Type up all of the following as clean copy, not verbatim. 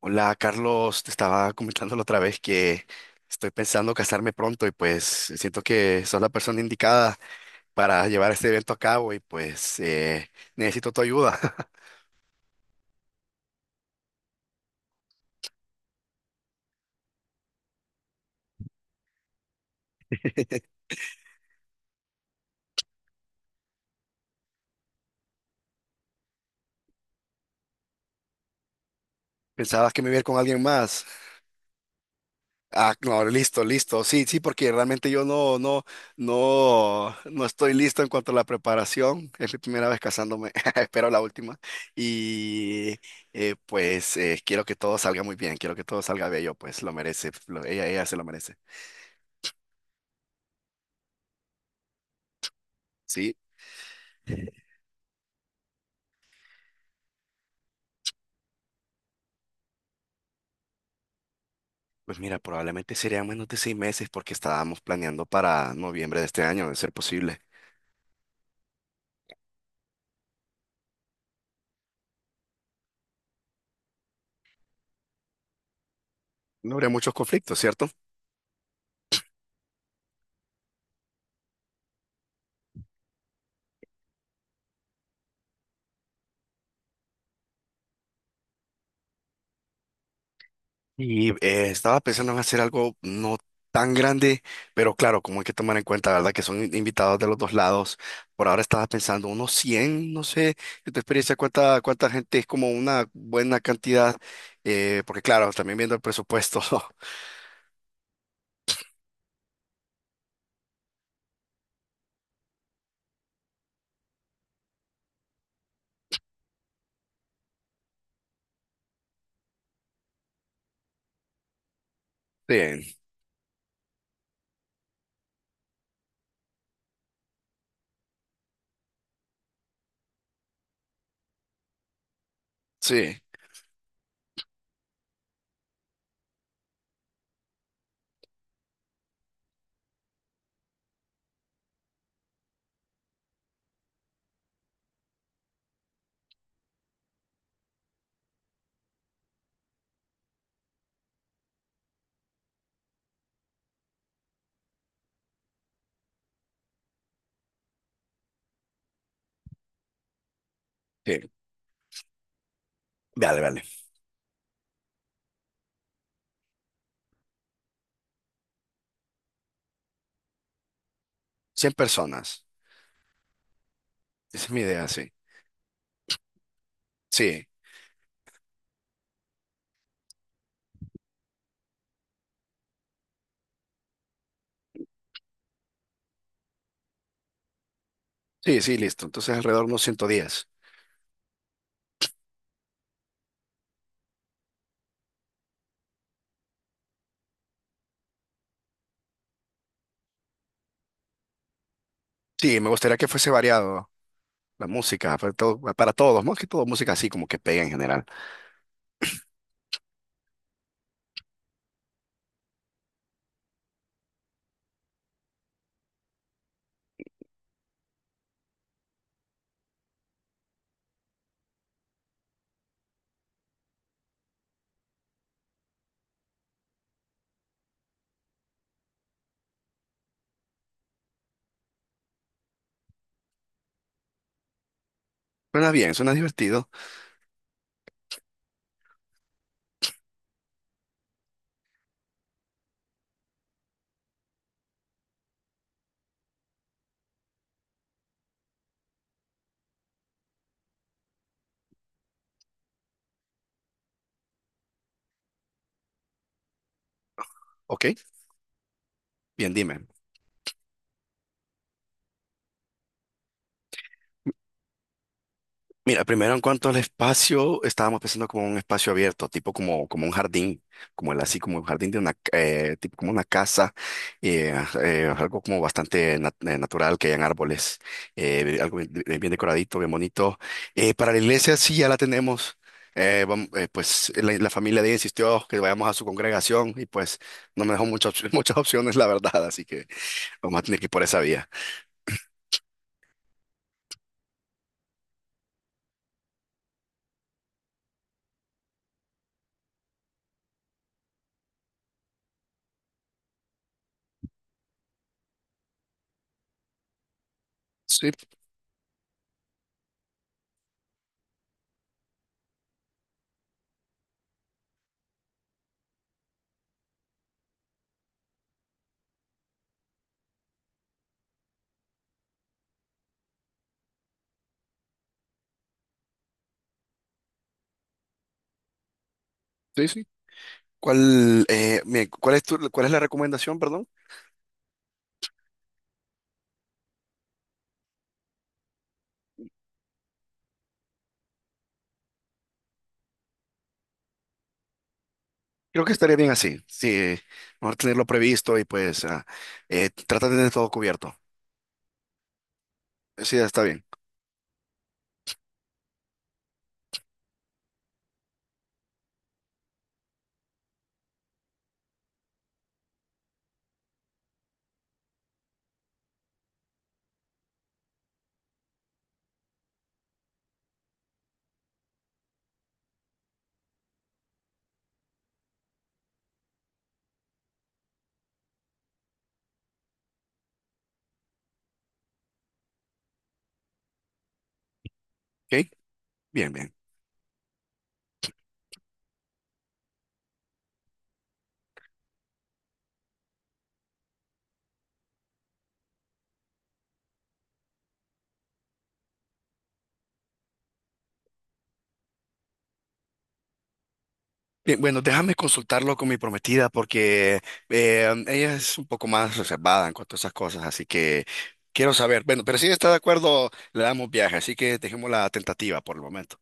Hola, Carlos, te estaba comentando la otra vez que estoy pensando casarme pronto y pues siento que sos la persona indicada para llevar este evento a cabo y pues necesito tu ayuda. ¿Pensabas que me iba a ir con alguien más? Ah, no, listo, listo. Sí, sí, porque realmente yo no estoy listo en cuanto a la preparación. Es mi primera vez casándome, espero la última. Y quiero que todo salga muy bien, quiero que todo salga bello, pues lo merece, ella, ella se lo merece. Sí, pues mira, probablemente serían menos de 6 meses porque estábamos planeando para noviembre de este año, de ser posible. No habría muchos conflictos, ¿cierto? Y estaba pensando en hacer algo no tan grande, pero claro, como hay que tomar en cuenta, ¿verdad? Que son invitados de los dos lados. Por ahora estaba pensando unos 100, no sé, de tu experiencia, cuánta gente es como una buena cantidad, porque claro, también viendo el presupuesto. Sí, sí, sí. Vale, vale. 100 personas. Esa es mi idea, sí. Sí. Sí, sí, listo. Entonces alrededor de unos 110. Sí, me gustaría que fuese variado la música para todos, más que todo música así como que pega en general. Suena bien, suena divertido. Ok, bien, dime. Mira, primero en cuanto al espacio, estábamos pensando como un espacio abierto, tipo como, como un jardín, como el así, como un jardín de una, tipo como una casa, eh, algo como bastante natural, que hayan árboles, algo bien, bien decoradito, bien bonito. Para la iglesia sí ya la tenemos, pues la familia de ella insistió que vayamos a su congregación y pues no me dejó muchas, muchas opciones, la verdad, así que vamos a tener que ir por esa vía. Sí, sí, sí. ¿Cuál, cuál es tu, cuál es la recomendación, perdón? Creo que estaría bien así, sí, mejor tenerlo previsto y pues trata de tener todo cubierto. Sí, está bien, ¿ok? Bien, bien. Bien, bueno, déjame consultarlo con mi prometida porque ella es un poco más reservada en cuanto a esas cosas, así que quiero saber. Bueno, pero si ella está de acuerdo, le damos viaje, así que dejemos la tentativa por el momento.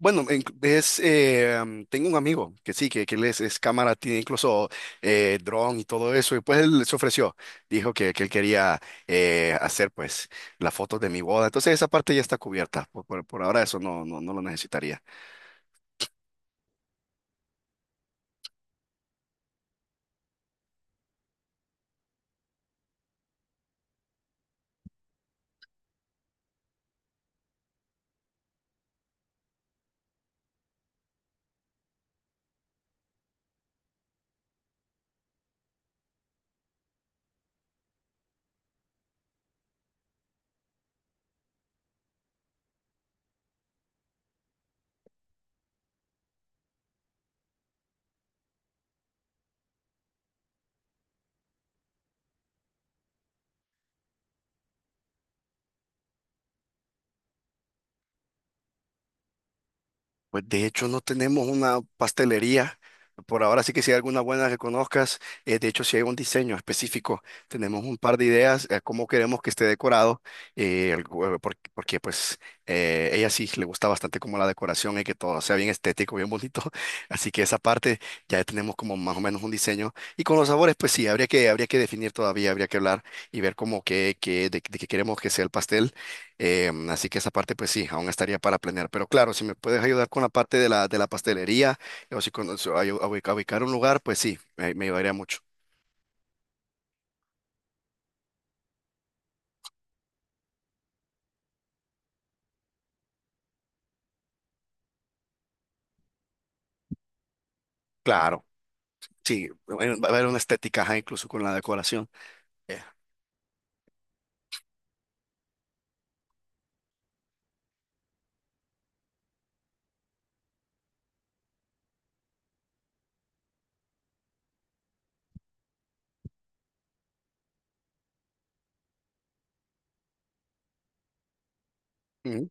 Bueno, tengo un amigo que sí, que él es cámara, tiene incluso dron y todo eso, y pues él se ofreció, dijo que él quería hacer pues las fotos de mi boda, entonces esa parte ya está cubierta, por ahora eso no lo necesitaría. Pues de hecho no tenemos una pastelería. Por ahora sí que si hay alguna buena que conozcas, de hecho si hay un diseño específico, tenemos un par de ideas a cómo queremos que esté decorado, porque, pues ella sí le gusta bastante como la decoración y que todo sea bien estético, bien bonito. Así que esa parte ya tenemos como más o menos un diseño. Y con los sabores, pues sí, habría que definir todavía, habría que hablar y ver como de qué queremos que sea el pastel. Así que esa parte, pues sí, aún estaría para planear. Pero claro, si me puedes ayudar con la parte de la pastelería o si conoces a ubicar un lugar, pues sí, me ayudaría mucho. Claro, sí, va a haber una estética, ajá, incluso con la decoración. Eh,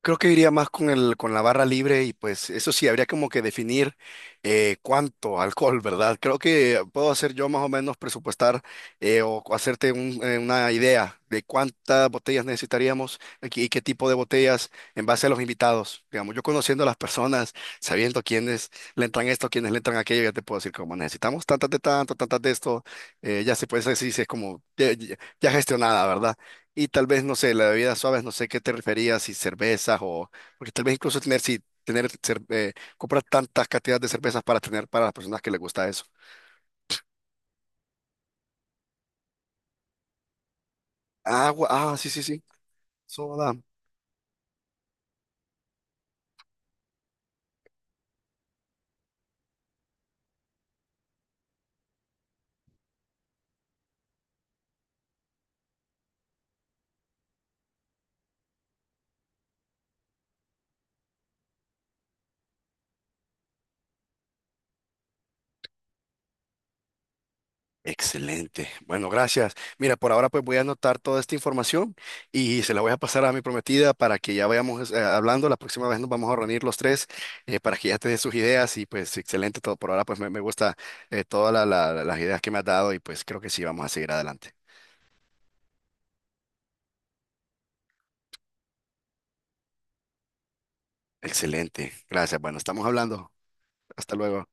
Creo que iría más con con la barra libre y pues eso sí, habría como que definir cuánto alcohol, ¿verdad? Creo que puedo hacer yo más o menos presupuestar una idea de cuántas botellas necesitaríamos aquí y qué tipo de botellas en base a los invitados. Digamos, yo conociendo a las personas, sabiendo quiénes le entran esto, quiénes le entran aquello, ya te puedo decir como necesitamos tantas de tanto, tantas de esto, ya se puede decir, si es como ya gestionada, ¿verdad? Y tal vez, no sé, la bebida suave, no sé qué te referías, si cervezas o… Porque tal vez incluso tener, si tener, cer- comprar tantas cantidades de cervezas para tener para las personas que les gusta eso. Agua, ah, sí, sí, sí, soda. Excelente. Bueno, gracias. Mira, por ahora pues voy a anotar toda esta información y se la voy a pasar a mi prometida para que ya vayamos hablando. La próxima vez nos vamos a reunir los tres para que ya te dé sus ideas y pues excelente todo. Por ahora pues me gusta las ideas que me has dado y pues creo que sí, vamos a seguir adelante. Excelente, gracias. Bueno, estamos hablando. Hasta luego.